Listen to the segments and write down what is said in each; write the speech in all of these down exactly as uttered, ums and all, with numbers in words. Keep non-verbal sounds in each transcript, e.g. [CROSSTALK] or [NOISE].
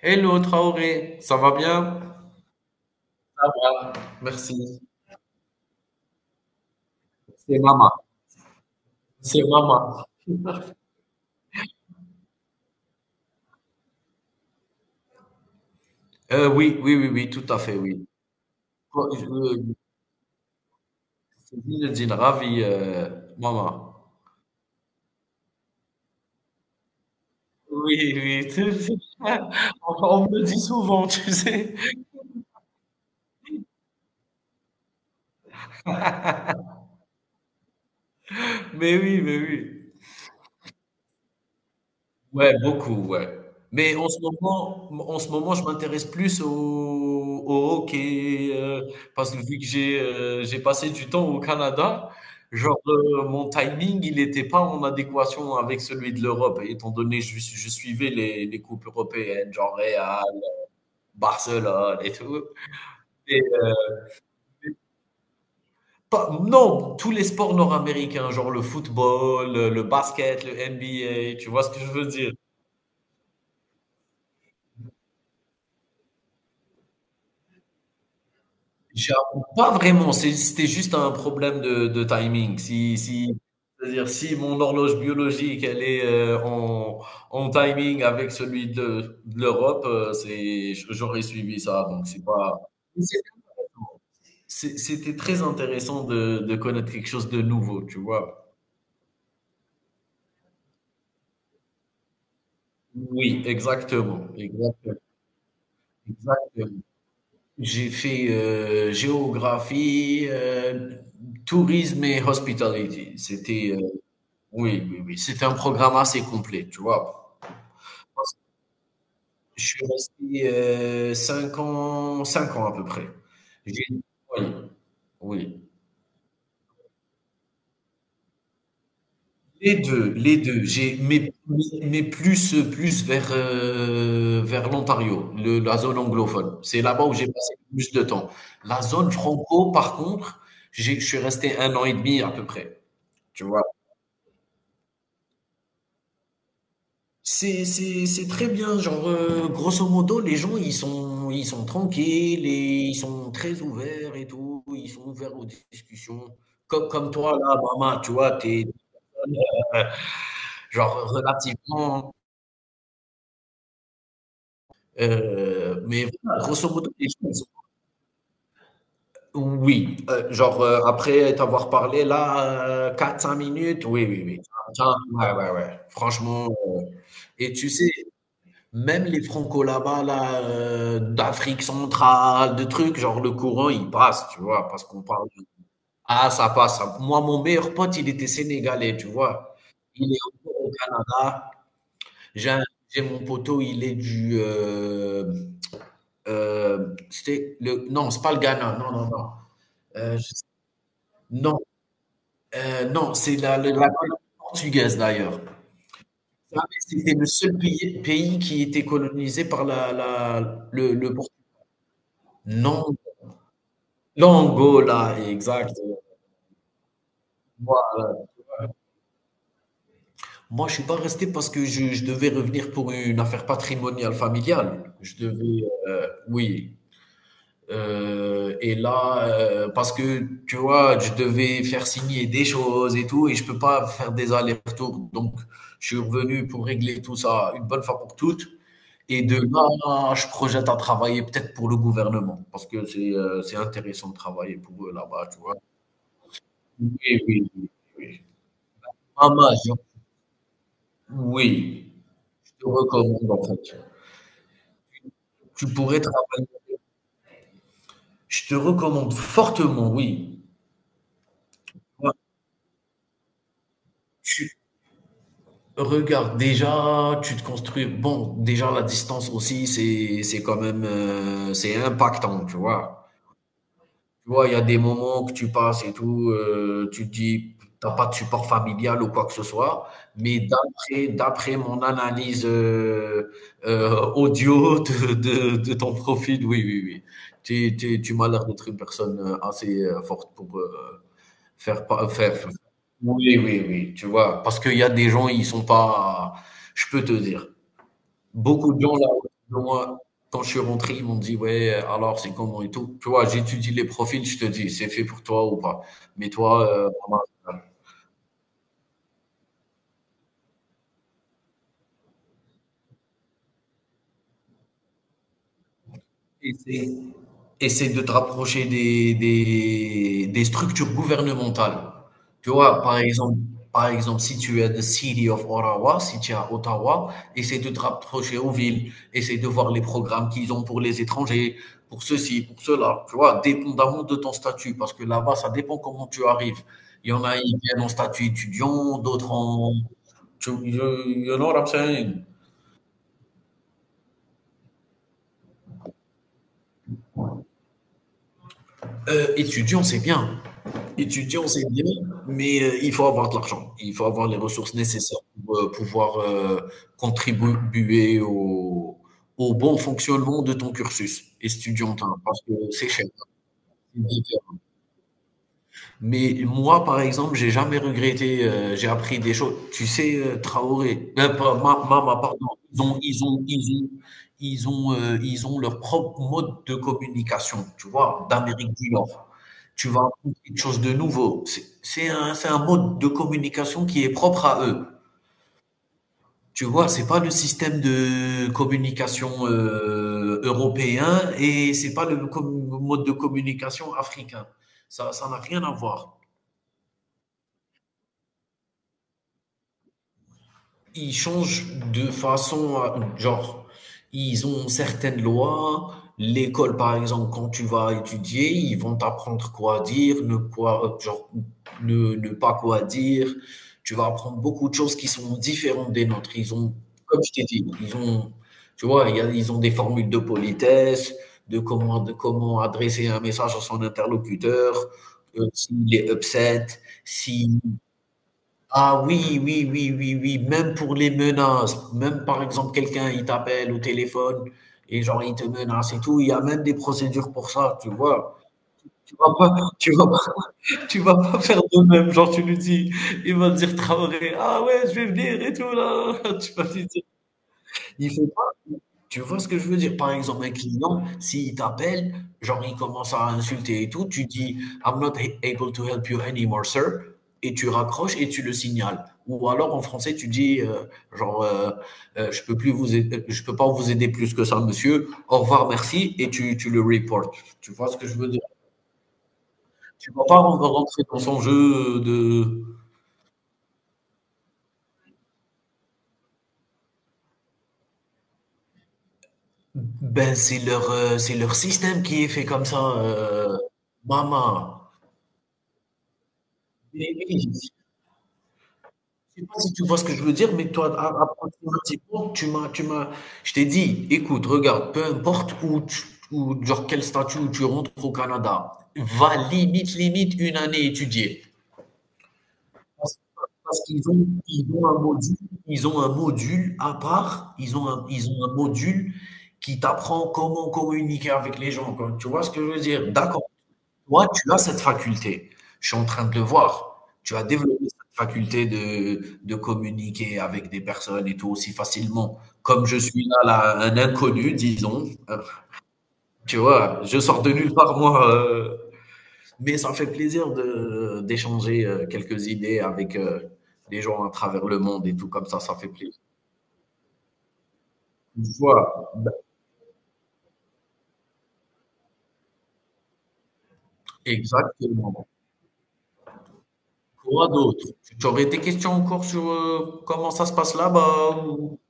Hello Traoré, ça va bien? Merci. C'est Maman. C'est Maman. Euh, oui, oui, oui, oui, tout à fait, oui. Bon, Je euh, je suis Zinedine, ravi, euh, Maman. Oui, oui. [LAUGHS] On on me le dit souvent, tu sais. Mais oui, mais oui. Ouais, beaucoup, ouais. Mais en ce moment en ce moment, je m'intéresse plus au au hockey, heu, parce que vu que j'ai, heu, j'ai passé du temps au Canada, genre, heu, mon timing, il n'était pas en adéquation avec celui de l'Europe, étant donné que je je suivais les les coupes européennes, genre Real, Barcelone et tout et pas non, tous les sports nord-américains, genre le football, heu, le basket, le N B A, tu vois ce que je veux dire? J'avoue, pas vraiment, c'est c'était juste un problème de de timing. Si si c'est-à-dire si mon horloge biologique, elle est, heu, en en timing avec celui de de l'Europe, heu, c'est j'aurais suivi ça, donc c'est pas c'est c'était très intéressant de de connaître quelque chose de nouveau, tu vois? Oui, exactement, exactement, exactement. J'ai fait, heu, géographie, heu, tourisme et hospitality. C'était, oui, oui, oui, c'était un programme assez complet, tu vois? Je suis resté, heu, cinq ans cinq ans à peu près. J'ai oui, oui. Les deux, les deux. J'ai mais mais plus, plus vers, heu, vers l'Ontario, le la zone anglophone. C'est là-bas où j'ai passé le plus de temps. La zone franco, par contre, j'ai je suis resté un an et demi à peu près, tu vois? C'est, c'est, c'est très bien. Genre, euh, grosso modo, les gens, ils sont, ils sont tranquilles et ils sont très ouverts et tout. Ils sont ouverts aux discussions. Comme, comme toi, là, maman, tu vois, t'es, euh, genre, relativement, euh, mais voilà, grosso modo, les gens, ils sont- oui, euh, genre, euh, après t'avoir parlé, là, euh, quatre cinq minutes, oui, oui, oui. Tiens, ouais, ouais, ouais. Franchement, euh, et tu sais, même les Franco là-bas, là, heu, d'Afrique centrale, de trucs, genre le courant il passe, tu vois? Parce qu'on parle ah ça passe, ça moi mon meilleur pote il était sénégalais, tu vois? Il est encore au Canada. J'ai un j'ai mon poteau, il est du, hem, heu, c'était le non, c'est pas le Ghana, non, non, non, heu, je non, heu, non, c'est la le la colonie portugaise d'ailleurs. Ça, c'était le seul pays pays qui était colonisé par la la le le Portu non. L'Angola, exact. Moi, moi, je suis pas resté parce que je, je devais revenir pour une affaire patrimoniale familiale. Je devais, euh, oui. Euh, et là, euh, parce que tu vois, je devais faire signer des choses et tout, et je peux pas faire des allers-retours. Donc, je suis revenu pour régler tout ça une bonne fois pour toutes. Et de là, je projette à travailler peut-être pour le gouvernement, parce que c'est euh, c'est intéressant de travailler pour eux là-bas, tu vois. Oui, oui, oui. oui. Ah, major- oui, te recommande en fait. Tu pourrais travailler. Je te recommande fortement, oui. Ouais, tu regardes déjà, tu te construis. Bon, déjà la distance aussi, c'est c'est quand même euh, c'est impactant, tu vois. Tu vois, il y a des moments que tu passes et tout, heu, tu te dis: t'as pas de support familial ou quoi que ce soit», mais d'après d'après mon analyse, heu heu, audio de de de ton profil, oui, oui, oui. Tu tu tu m'as l'air d'être une personne, heu, assez, heu, forte pour, heu, faire pa faire f oui, oui, oui, tu vois? Parce qu'il y a des gens, ils sont pas je peux te dire. Beaucoup de gens là autour de moi, quand je suis rentré, ils m'ont dit: «Ouais, alors c'est comment et tout?» tu vois? J'étudie les profils, je te dis: «C'est fait pour toi ou pas». Mais toi, heu, Essaye, essaye de te rapprocher des, des, des structures gouvernementales. Tu vois, par exemple, par exemple, si tu es de City of Ottawa, si tu es à Ottawa, essaye de te rapprocher aux villes, essaye de voir les programmes qu'ils ont pour les étrangers, pour ceci, pour cela, tu vois, dépendamment de ton statut, parce que là-bas, ça dépend comment tu arrives. Il y en a, ils viennent en statut étudiant, d'autres en... Tu, you, you know what I'm saying? Euh, étudiant, c'est bien. Étudier, on sait bien, mais euh, il faut avoir de l'argent. Il faut avoir les ressources nécessaires pour euh, pouvoir euh, contribuer au, au bon fonctionnement de ton cursus étudiantin, parce que c'est cher. Mais moi, par exemple, j'ai jamais regretté, heu, j'ai appris des choses. Tu sais, heu, Traoré, heu, pas Ma Mama, pardon, ils ont ils ont ils ont ils ont, heu, ils ont leur propre mode de communication, tu vois? D'Amérique du Nord. Tu vas apprendre quelque chose de nouveau. C'est c'est un c'est un mode de communication qui est propre à eux. Tu vois? C'est pas le système de communication, heu, européen et c'est pas le com mode de communication africain. Ça ça n'a rien à voir. Ils changent de façon, à- genre, ils ont certaines lois. L'école, par exemple, quand tu vas étudier, ils vont t'apprendre quoi dire, ne quoi, euh, genre, ne, ne pas quoi dire. Tu vas apprendre beaucoup de choses qui sont différentes des nôtres. Ils ont, comme je t'ai dit, ils ont, tu vois, il y a- ils ont des formules de politesse, de comment, de comment adresser un message à son interlocuteur, euh, s'il est upset, si ah oui, oui, oui, oui, oui, même pour les menaces, même par exemple quelqu'un il t'appelle au téléphone et genre il te menace et tout, il y a même des procédures pour ça, tu vois. Tu vas pas tu vas pas tu vas pas faire de même, genre tu lui dis, il va te dire Traoré: «Ah ouais, je vais venir et tout là». [LAUGHS] Tu vas lui dire il faut tu vois ce que je veux dire? Par exemple, un client, s'il t'appelle, genre il commence à insulter et tout, tu dis I'm not he- able to help you anymore, sir, et tu raccroches et tu le signales. Ou alors en français, tu dis euh, genre euh, euh, je peux plus vous aider- je peux pas vous aider plus que ça, monsieur. Au revoir, merci, et tu, tu le reportes. Tu vois ce que je veux dire? Tu vas pas ren- rentrer dans son jeu de ben c'est leur euh, c'est leur système qui est fait comme ça, euh, maman. Mais oui, je sais pas si tu vois ce que je veux dire, mais toi, a- approximativement, tu m'as, tu m'as, je t'ai dit, écoute, regarde, peu importe où tu, où- genre quel statut où tu rentres au Canada, va limite, limite une année étudier. Parce, parce qu'ils ont, ils ont un module, ils ont un module à part, ils ont un, ils ont un module qui t'apprend comment communiquer avec les gens, quoi. Tu vois ce que je veux dire? D'accord. Toi, tu as cette faculté. Je suis en train de le voir. Tu as développé cette faculté de, de communiquer avec des personnes et tout aussi facilement. Comme je suis là, là, un inconnu, disons. Euh, Tu vois, je sors de nulle part, moi. euh, mais ça fait plaisir de, d'échanger euh, quelques idées avec euh, des gens à travers le monde et tout comme ça. Ça fait plaisir. Voilà, exactement. Quoi d'autre? Tu aurais des questions encore sur euh, comment ça se passe là-bas? Ou-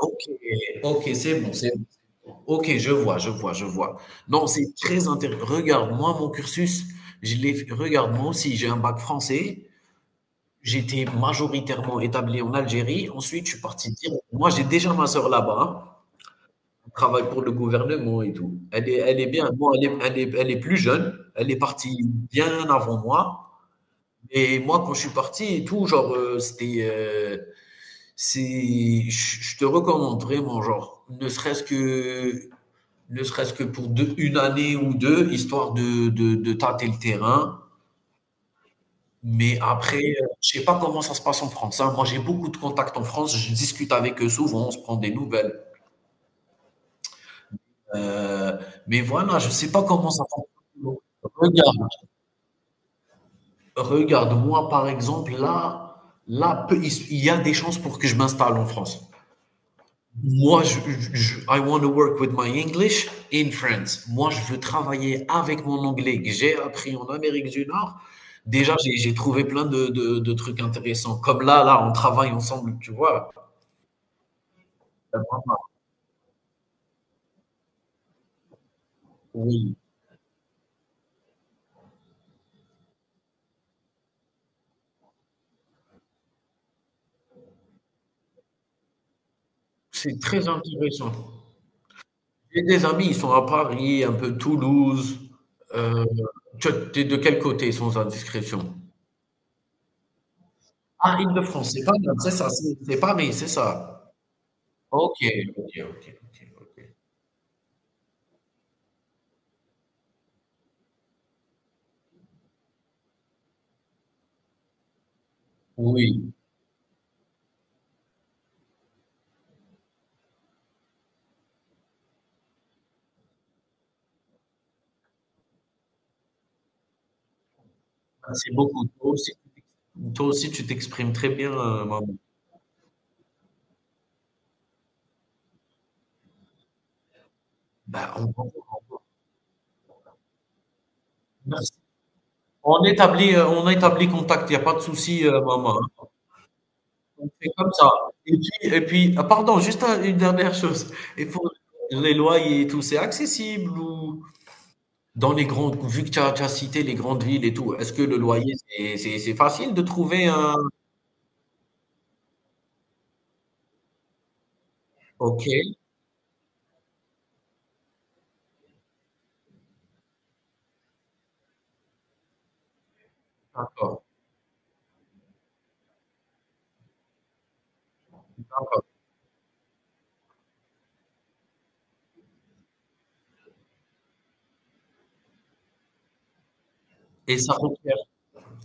OK, OK, c'est bon, c'est bon. OK, je vois, je vois, je vois. Non, c'est très intéressant. Regarde, moi, mon cursus, je l'ai f regarde, moi aussi, j'ai un bac français. J'étais majoritairement établi en Algérie. Ensuite, je suis parti direct moi, j'ai déjà ma sœur là-bas. Hein. Elle travaille pour le gouvernement et tout. Elle est elle est bien. Moi, elle est elle est elle est plus jeune. Elle est partie bien avant moi. Et moi, quand je suis parti et tout, genre, heu, c'était, heu c'est, je te recommande vraiment, genre, ne serait-ce que, ne serait-ce que pour deux- une année ou deux, histoire de, de, de tâter le terrain. Mais après, euh, je sais pas comment ça se passe en France. Hein. Moi, j'ai beaucoup de contacts en France. Je discute avec eux souvent. On se prend des nouvelles. Euh, mais voilà, je sais pas comment ça fonctionne. Regarde, regarde, moi, par exemple, là, là, peu- il il y a des chances pour que je m'installe en France. Moi, je, je- I want to work with my English in France. Moi, je veux travailler avec mon anglais que j'ai appris en Amérique du Nord. Déjà, j'ai j'ai trouvé plein de, de- de trucs intéressants. Comme là, là, on travaille ensemble, tu vois. Oui, c'est très intéressant. J'ai des amis, ils sont à Paris, un peu Toulouse. Euh, tu es de quel côté, sans indiscrétion? Ah, Île-de-France, c'est pas mal, c'est ça, c'est c'est pas mais c'est ça. Ok, ok, ok, ok, ok. Oui, c'est beaucoup. Toi aussi, toi aussi, tu t'exprimes très bien, euh, maman. Ben, on, merci. On établit, euh, on établit contact, il n'y a pas de souci, euh, maman. On fait comme ça. Et puis, et puis ah, pardon, juste un- une dernière chose. Il faut les loyers, et tout, c'est accessible ou dans les grandes, vu que tu as, tu as cité les grandes villes et tout, est-ce que le loyer, c'est c'est- c'est facile de trouver un... Ok, d'accord. d'accord. Et ça requiert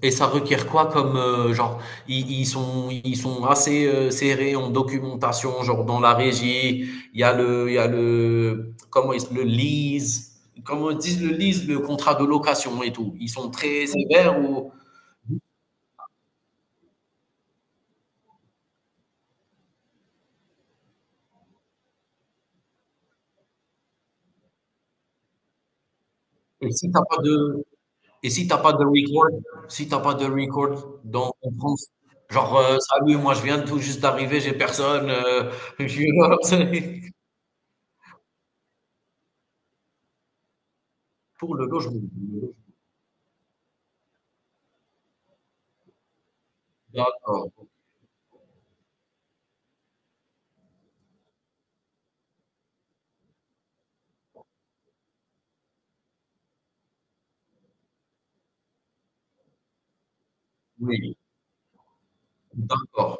et ça requiert quoi comme euh, genre ils, ils sont ils sont assez euh, serrés en documentation genre dans la régie il y a le il y a le comment ils le lease comment ils disent le lease le contrat de location et tout ils sont très sévères ou et si t'as pas de et si t'as pas de record si t'as pas de record dans en France genre euh, salut moi je viens tout juste d'arriver j'ai personne euh, [LAUGHS] je suis- [LAUGHS] pour le logement d'accord oui d'accord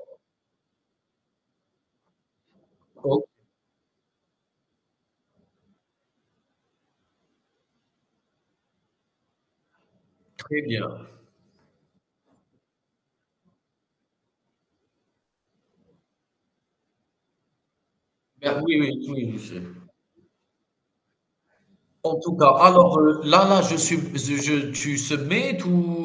Ok. Très bien. Ben oui, oui, oui, je sais. En tout cas, alors, heu, là là, je suis, je je tu submit ou